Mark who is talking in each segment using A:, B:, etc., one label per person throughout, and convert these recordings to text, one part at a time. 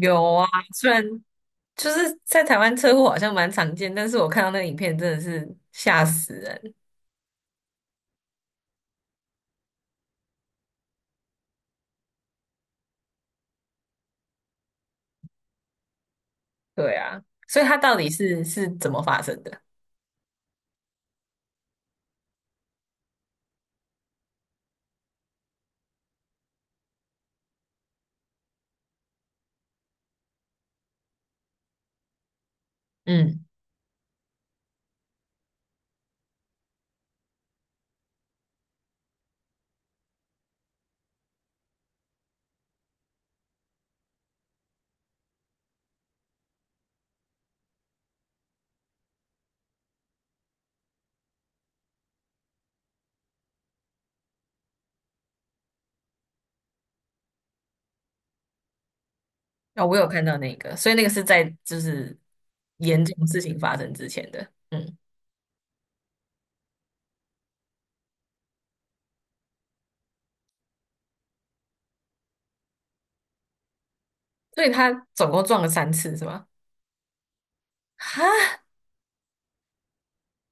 A: 有啊，虽然就是在台湾车祸好像蛮常见，但是我看到那个影片真的是吓死人。对啊，所以它到底是怎么发生的？嗯，啊、我有看到那个，所以那个是在就是严重事情发生之前的。嗯，所以他总共撞了3次是吗？哈，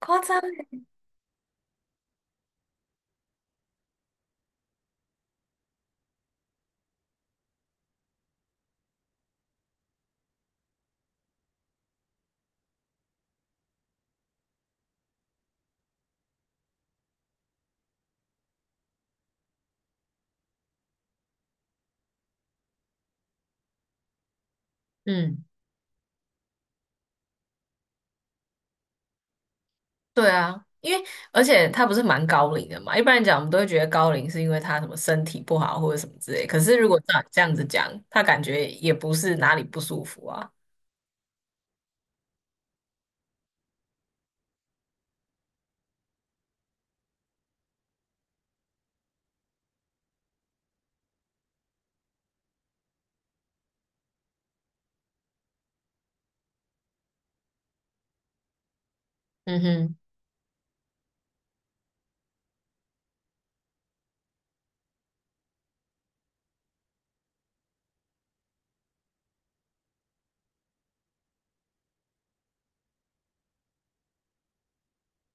A: 夸张欸嗯。对啊，而且他不是蛮高龄的嘛，一般来讲我们都会觉得高龄是因为他什么身体不好或者什么之类，可是如果照你这样子讲，他感觉也不是哪里不舒服啊。嗯哼，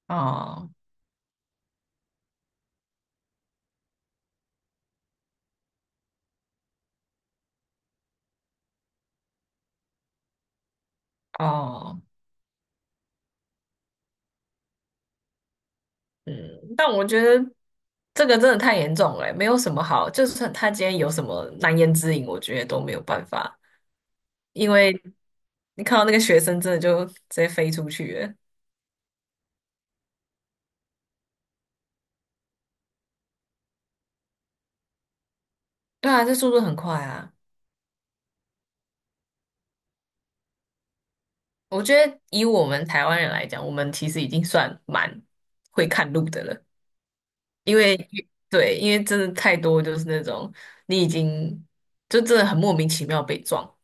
A: 哦哦，嗯，但我觉得这个真的太严重了欸，没有什么好，就算他今天有什么难言之隐，我觉得都没有办法，因为你看到那个学生真的就直接飞出去了。对啊，这速度很快啊。我觉得以我们台湾人来讲，我们其实已经算蛮会看路的了，因为对，因为真的太多就是那种你已经就真的很莫名其妙被撞。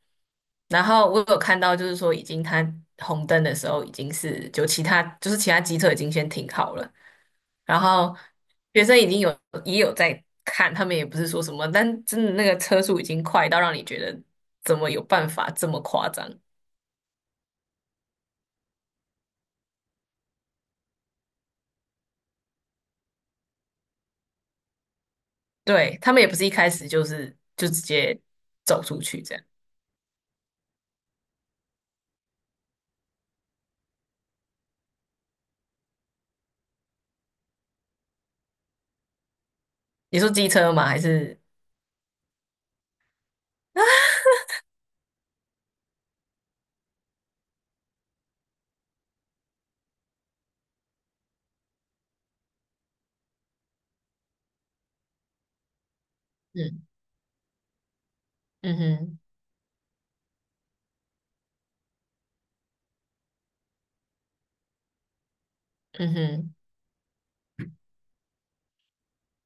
A: 然后我有看到，就是说已经他红灯的时候，已经是就其他机车已经先停好了，然后学生已经有也有在看，他们也不是说什么，但真的那个车速已经快到让你觉得怎么有办法这么夸张？对，他们也不是一开始就直接走出去这样。你说机车吗？还是嗯嗯哼嗯哼，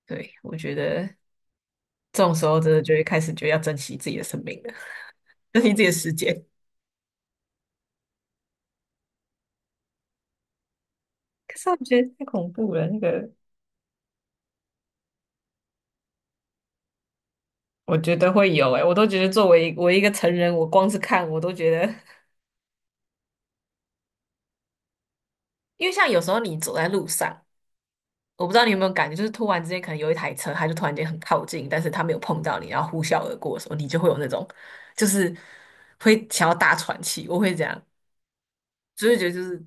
A: 对，我觉得这种时候真的就会开始就要珍惜自己的生命了，珍惜自己的时间。可是我觉得太恐怖了，那个我觉得会有诶、我都觉得作为我一个成人，我光是看我都觉得，因为像有时候你走在路上，我不知道你有没有感觉，就是突然之间可能有一台车，它就突然间很靠近，但是它没有碰到你，然后呼啸而过的时候，你就会有那种，就是会想要大喘气。我会这样，就会觉得就是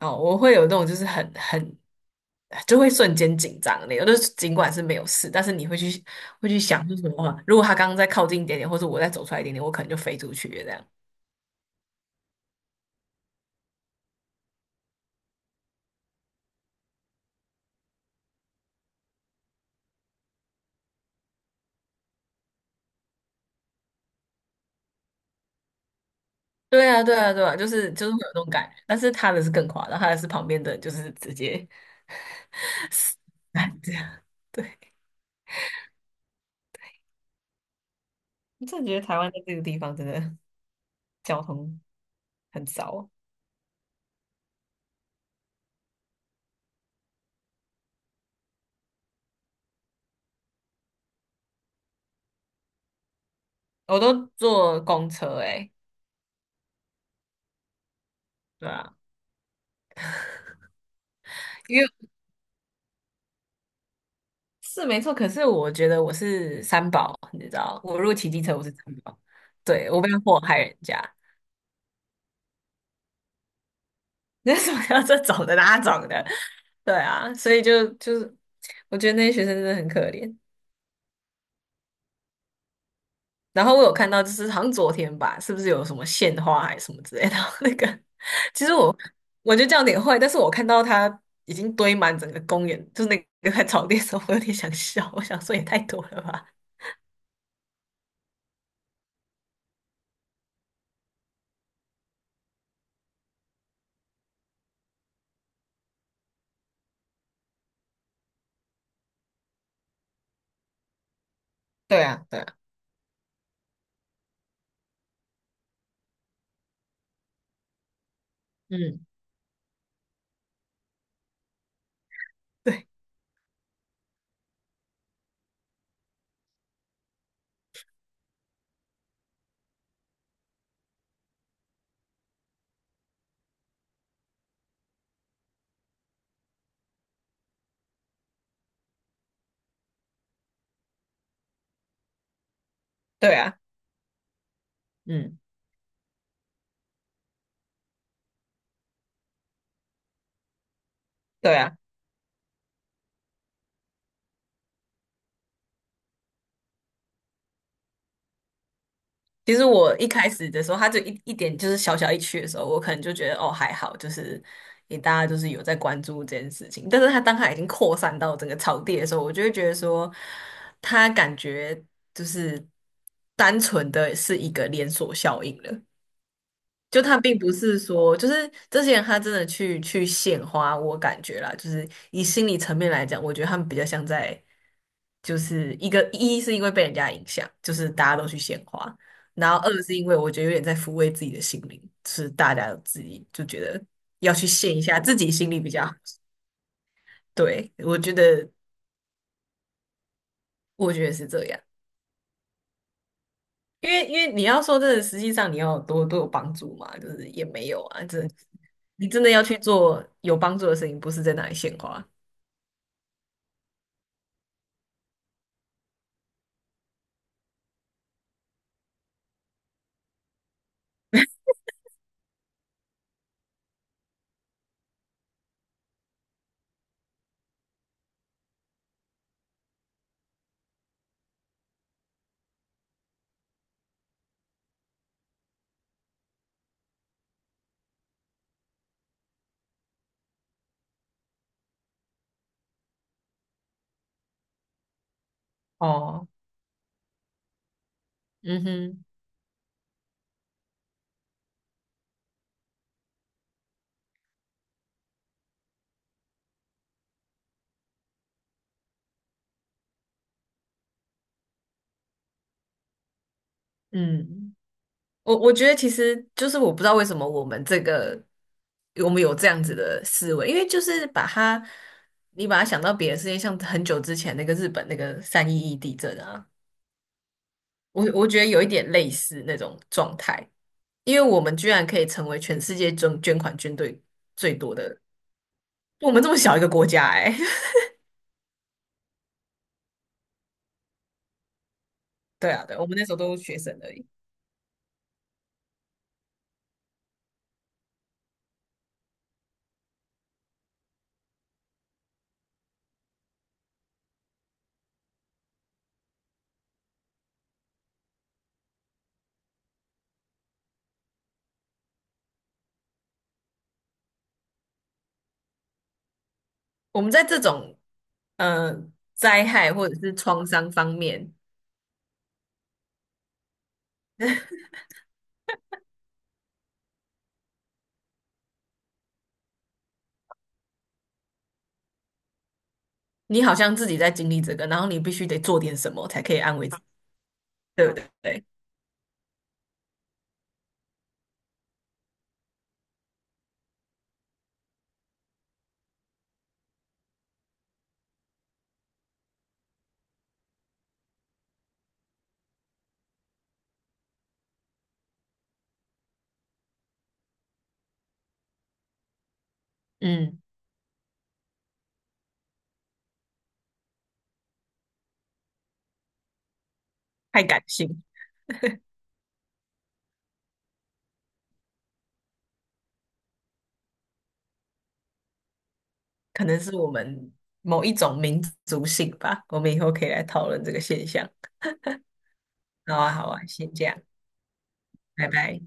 A: 哦，我会有那种就是很就会瞬间紧张的那种，就是尽管是没有事，但是你会去会去想是什么啊，如果他刚刚再靠近一点点，或者我再走出来一点点，我可能就飞出去了这样。对啊，对啊，对啊，就是就是会有那种感觉，但是他的是更夸张，他的是旁边的就是直接 这样。对，我真的觉得台湾在这个地方真的。交通很糟，我都坐公车诶、欸对啊，因为是没错，可是我觉得我是三宝，你知道，我如果骑机车我是三宝，对，我不要祸害人家，那什么要这种的那种的，对啊，所以就是我觉得那些学生真的很可怜。然后我有看到，就是好像昨天吧，是不是有什么献花还是什么之类的？那个，其实我就得这样有点坏，但是我看到它已经堆满整个公园，就是那个在草地的时候，我有点想笑，我想说也太多了吧。对啊，对啊，嗯，对，对啊，嗯。对啊。其实我一开始的时候，他就一点就是小小一区的时候，我可能就觉得哦还好，就是也大家就是有在关注这件事情。但是他当他已经扩散到整个草地的时候，我就会觉得说，他感觉就是单纯的是一个连锁效应了。就他并不是说，就是这些人他真的去去献花，我感觉啦，就是以心理层面来讲，我觉得他们比较像在，就是一个一是因为被人家影响，就是大家都去献花，然后二是因为我觉得有点在抚慰自己的心灵，就是大家自己就觉得要去献一下自己心里比较好对，我觉得是这样。因为你要说真的，实际上你要有多有帮助嘛，就是也没有啊，这你真的要去做有帮助的事情，不是在那里献花。哦，嗯哼，嗯，我觉得其实就是我不知道为什么我们有这样子的思维，因为就是把它你把它想到别的事情，像很久之前那个日本那个3·11地震啊，我觉得有一点类似那种状态，因为我们居然可以成为全世界捐款军队。最多的我们这么小一个国家、欸，哎，对啊，对，我们那时候都是学生而已。我们在这种呃灾害或者是创伤方面，你好像自己在经历这个，然后你必须得做点什么才可以安慰自己，对不对？嗯，太感性，可能是我们某一种民族性吧。我们以后可以来讨论这个现象。好啊，好啊，先这样，拜拜。